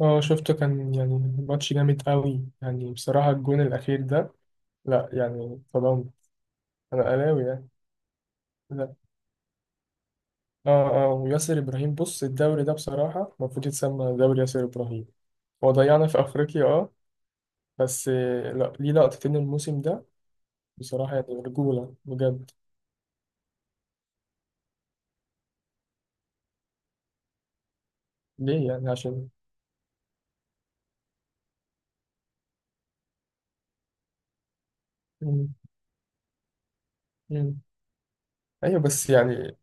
اه شفته كان يعني ماتش جامد قوي يعني بصراحة الجون الأخير ده. لا يعني طبعا أنا أهلاوي يعني. لا، اه اه. وياسر إبراهيم، بص الدوري ده بصراحة المفروض يتسمى دوري ياسر إبراهيم. هو ضيعنا في أفريقيا، اه بس لا، ليه لقطتين الموسم ده بصراحة، يعني رجولة بجد. ليه يعني؟ عشان. مم، مم. أيوه بس يعني،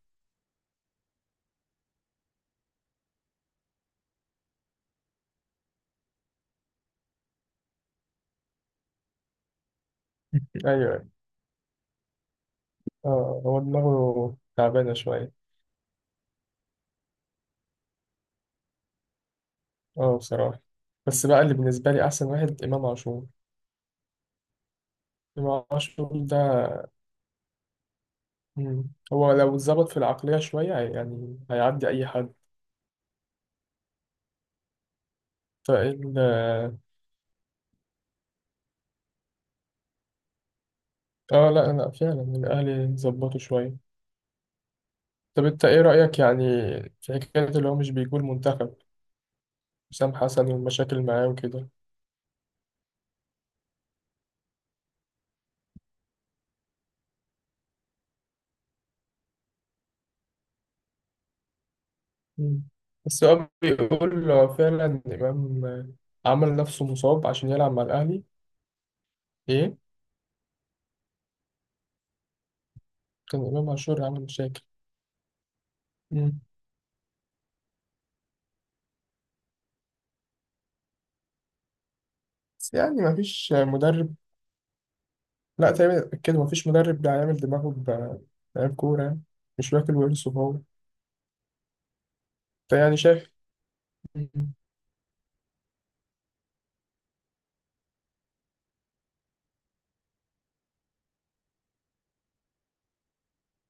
أيوه اه، هو دماغه تعبانة شوية. اه بصراحة. بس بقى اللي بالنسبة لي أحسن واحد إمام عاشور. إمام عاشور ده، مم، هو لو اتظبط في العقلية شوية يعني هيعدي أي حد. فإن لا لا، فعلا الأهلي ظبطوا شوية. طب أنت إيه رأيك يعني في حكاية اللي هو مش بيقول منتخب حسام حسن والمشاكل معاه وكده؟ مم. بس هو بيقول هو فعلا إمام عمل نفسه مصاب عشان يلعب مع الأهلي. إيه؟ كان إمام عاشور عمل مشاكل. مم. بس يعني مفيش مدرب، لا تقريبا كده مفيش مدرب بيعمل دماغه بلعيب كورة يعني. مش واكل ورثه هو. فيعني شايف. مم.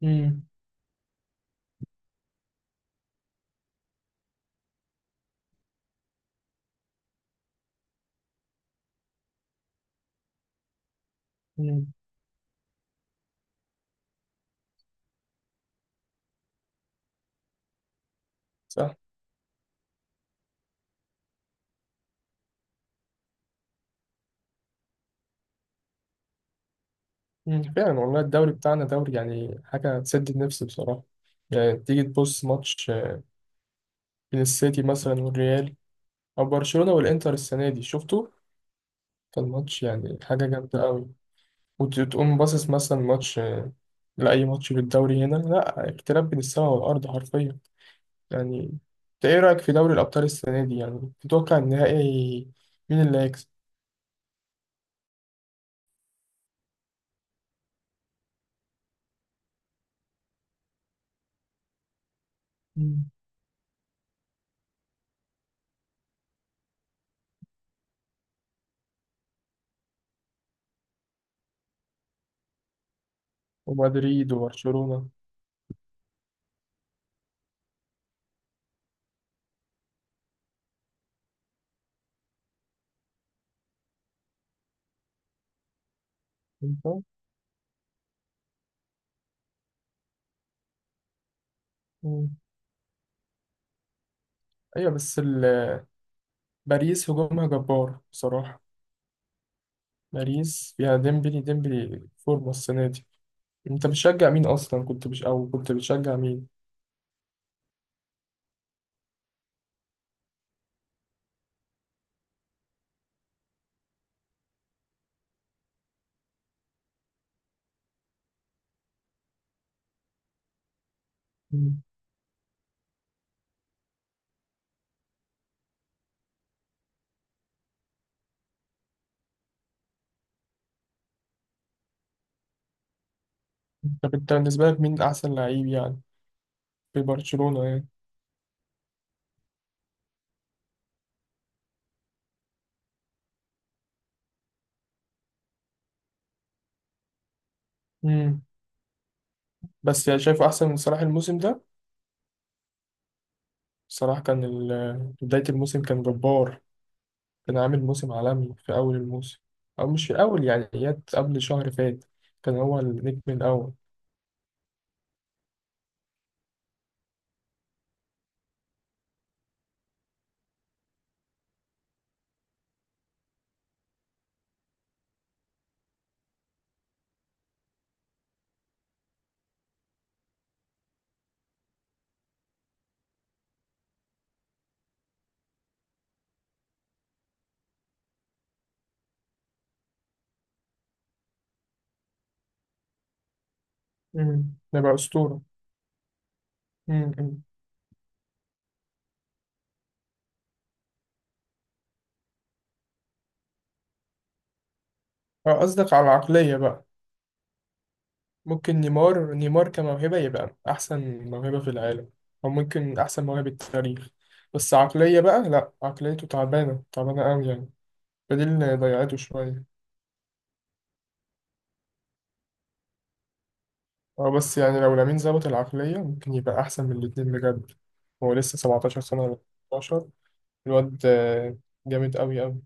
مم. مم. صح. مم، فعلا والله الدوري بتاعنا دوري يعني حاجة تسد النفس بصراحة. يعني تيجي تبص ماتش بين السيتي مثلا والريال، أو برشلونة والإنتر السنة دي، شفتوا كان ماتش يعني حاجة جامدة أوي. وتقوم باصص مثلا ماتش لأي ماتش في الدوري هنا، لا، اختلاف بين السماء والأرض حرفيا يعني. أنت إيه رأيك في دوري الأبطال السنة دي؟ يعني تتوقع النهائي مين اللي هيكسب؟ مم. ومدريد وبرشلونة. أنت؟ ايوه بس باريس هجومها جبار بصراحة. باريس فيها ديمبلي، ديمبلي فورمة السنة دي. انت بتشجع مين اصلا؟ كنت او كنت بتشجع مين؟ مم. طب انت بالنسبة لك مين احسن لعيب يعني في برشلونة يعني؟ مم. بس يعني شايف احسن من صلاح الموسم ده؟ صلاح كان بداية الموسم كان جبار. كان عامل موسم عالمي في اول الموسم، او مش في اول، يعني جت قبل شهر فات كان هو النجم الاول. مم، ده بقى اسطورة. مم. مم. اه قصدك على العقلية بقى. ممكن نيمار، نيمار كموهبة يبقى أحسن موهبة في العالم، أو ممكن أحسن موهبة التاريخ. بس عقلية بقى، لأ، عقليته تعبانة تعبانة أوي يعني. فدي اللي ضيعته شوية. أه، بس يعني لو لامين ظبط العقلية ممكن يبقى أحسن من الاتنين بجد. هو لسه 17 سنة ولا 18؟ الواد جامد أوي أوي.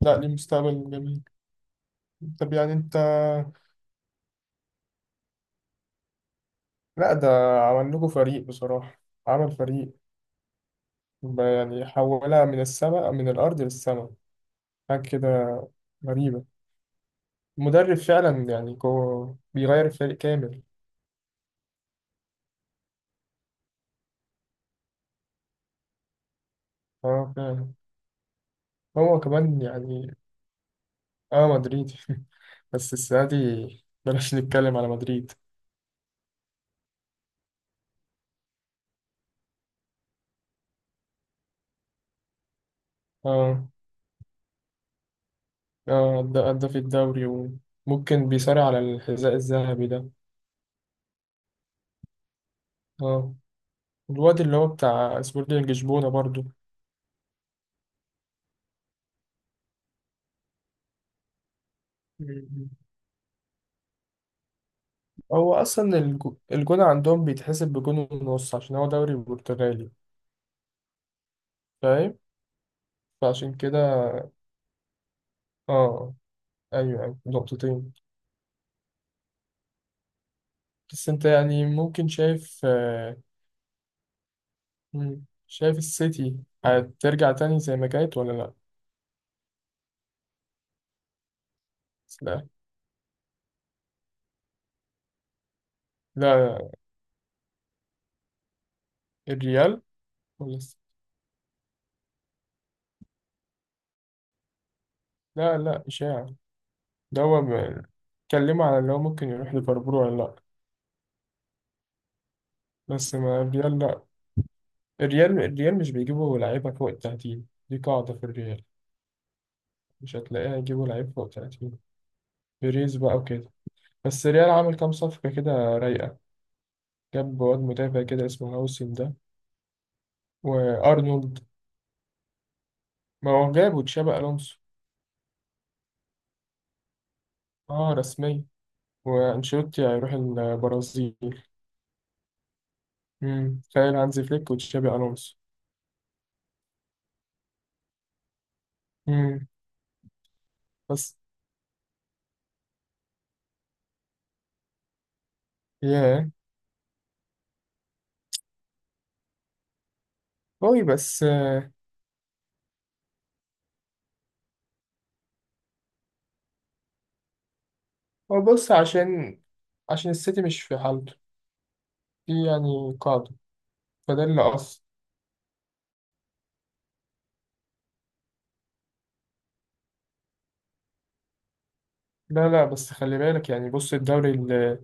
لأ، ليه مستقبل جميل. طب يعني أنت، لأ ده عمل لكم فريق بصراحة، عمل فريق. يعني حولها من السماء، من الأرض للسماء، حاجة كده غريبة. المدرب فعلا يعني هو بيغير الفريق كامل. اه فعلا. هو كمان يعني، اه مدريدي بس السنة دي بلاش نتكلم على مدريد. اه اه، أدى في الدوري وممكن بيصارع على الحذاء الذهبي ده. اه. الواد اللي هو بتاع سبورتنج لشبونة برضو. مم. هو أصلا الجون عندهم بيتحسب بجون ونص عشان هو دوري برتغالي. فاهم. فعشان كده، اه، أيوه، أيوة، نقطتين. بس انت يعني ممكن شايف مم، شايف السيتي هترجع تاني زي ما كانت ولا لا؟ لا لا، الريال. ولا لا لا، إشاعة. ده هو اتكلموا على اللي هو ممكن يروح ليفربول ولا لا؟ بس ما الريال، لا. الريال، الريال مش بيجيبوا لعيبة فوق التلاتين، دي قاعدة في الريال. مش هتلاقيها يجيبوا لعيب فوق التلاتين، بيريز بقى وكده. بس الريال عامل كام صفقة كده رايقة. جاب واد مدافع كده اسمه هاوسن ده، وأرنولد. ما هو جابوا تشابي ألونسو. اه رسمية. وانشيلوتي هيروح البرازيل. امم، تخيل هانزي فليك وتشابي الونسو. امم. بس ياه. قوي بس هو بص، عشان عشان السيتي مش في حالته. في يعني قاعدة، فده اللي قص. لا لا، بس خلي بالك، يعني بص الدوري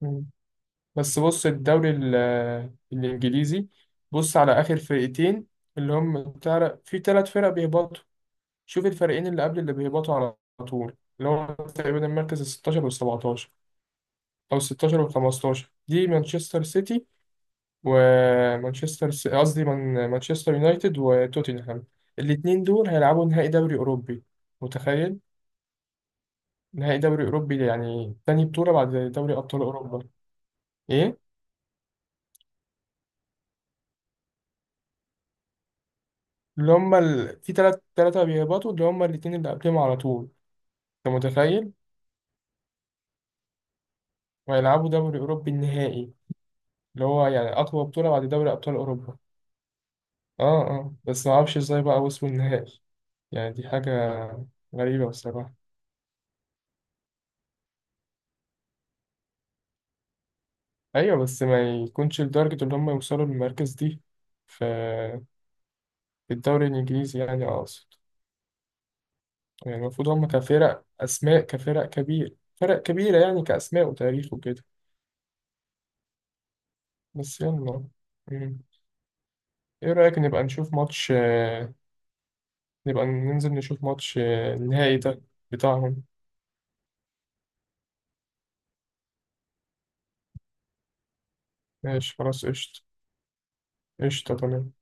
مم. بس بص الدوري الإنجليزي، بص على آخر فرقتين اللي هم تعرف، في ثلاث فرق بيهبطوا. شوف الفريقين اللي قبل اللي بيهبطوا على طول، اللي هو تقريبا المركز ال 16 وال 17، او ال 16 وال 15، دي مانشستر سيتي، ومانشستر سي- قصدي من- مانشستر يونايتد وتوتنهام. الاتنين دول هيلعبوا نهائي دوري اوروبي، متخيل؟ نهائي دوري اوروبي ده يعني تاني بطولة بعد دوري ابطال اوروبا. ايه في تلات تلاتة بيهبطوا، اللي هما الاتنين اللي قبلهم على طول، انت متخيل؟ وهيلعبوا دوري اوروبي النهائي، اللي هو يعني اقوى بطولة بعد دوري ابطال اوروبا. اه اه، بس ما اعرفش ازاي بقى وصلوا النهائي. يعني دي حاجة غريبة بصراحة. ايوه، بس ما يكونش لدرجة ان هم يوصلوا للمركز دي في، في الدوري الانجليزي، يعني اقصد. يعني المفروض هم كفرق اسماء، كفرق كبير، فرق كبيرة يعني، كاسماء وتاريخ وكده. بس يلا. مم. ايه رأيك نبقى نشوف ماتش نبقى ننزل نشوف ماتش النهائي ده بتاعهم. ماشي خلاص قشطة. قشطة تمام.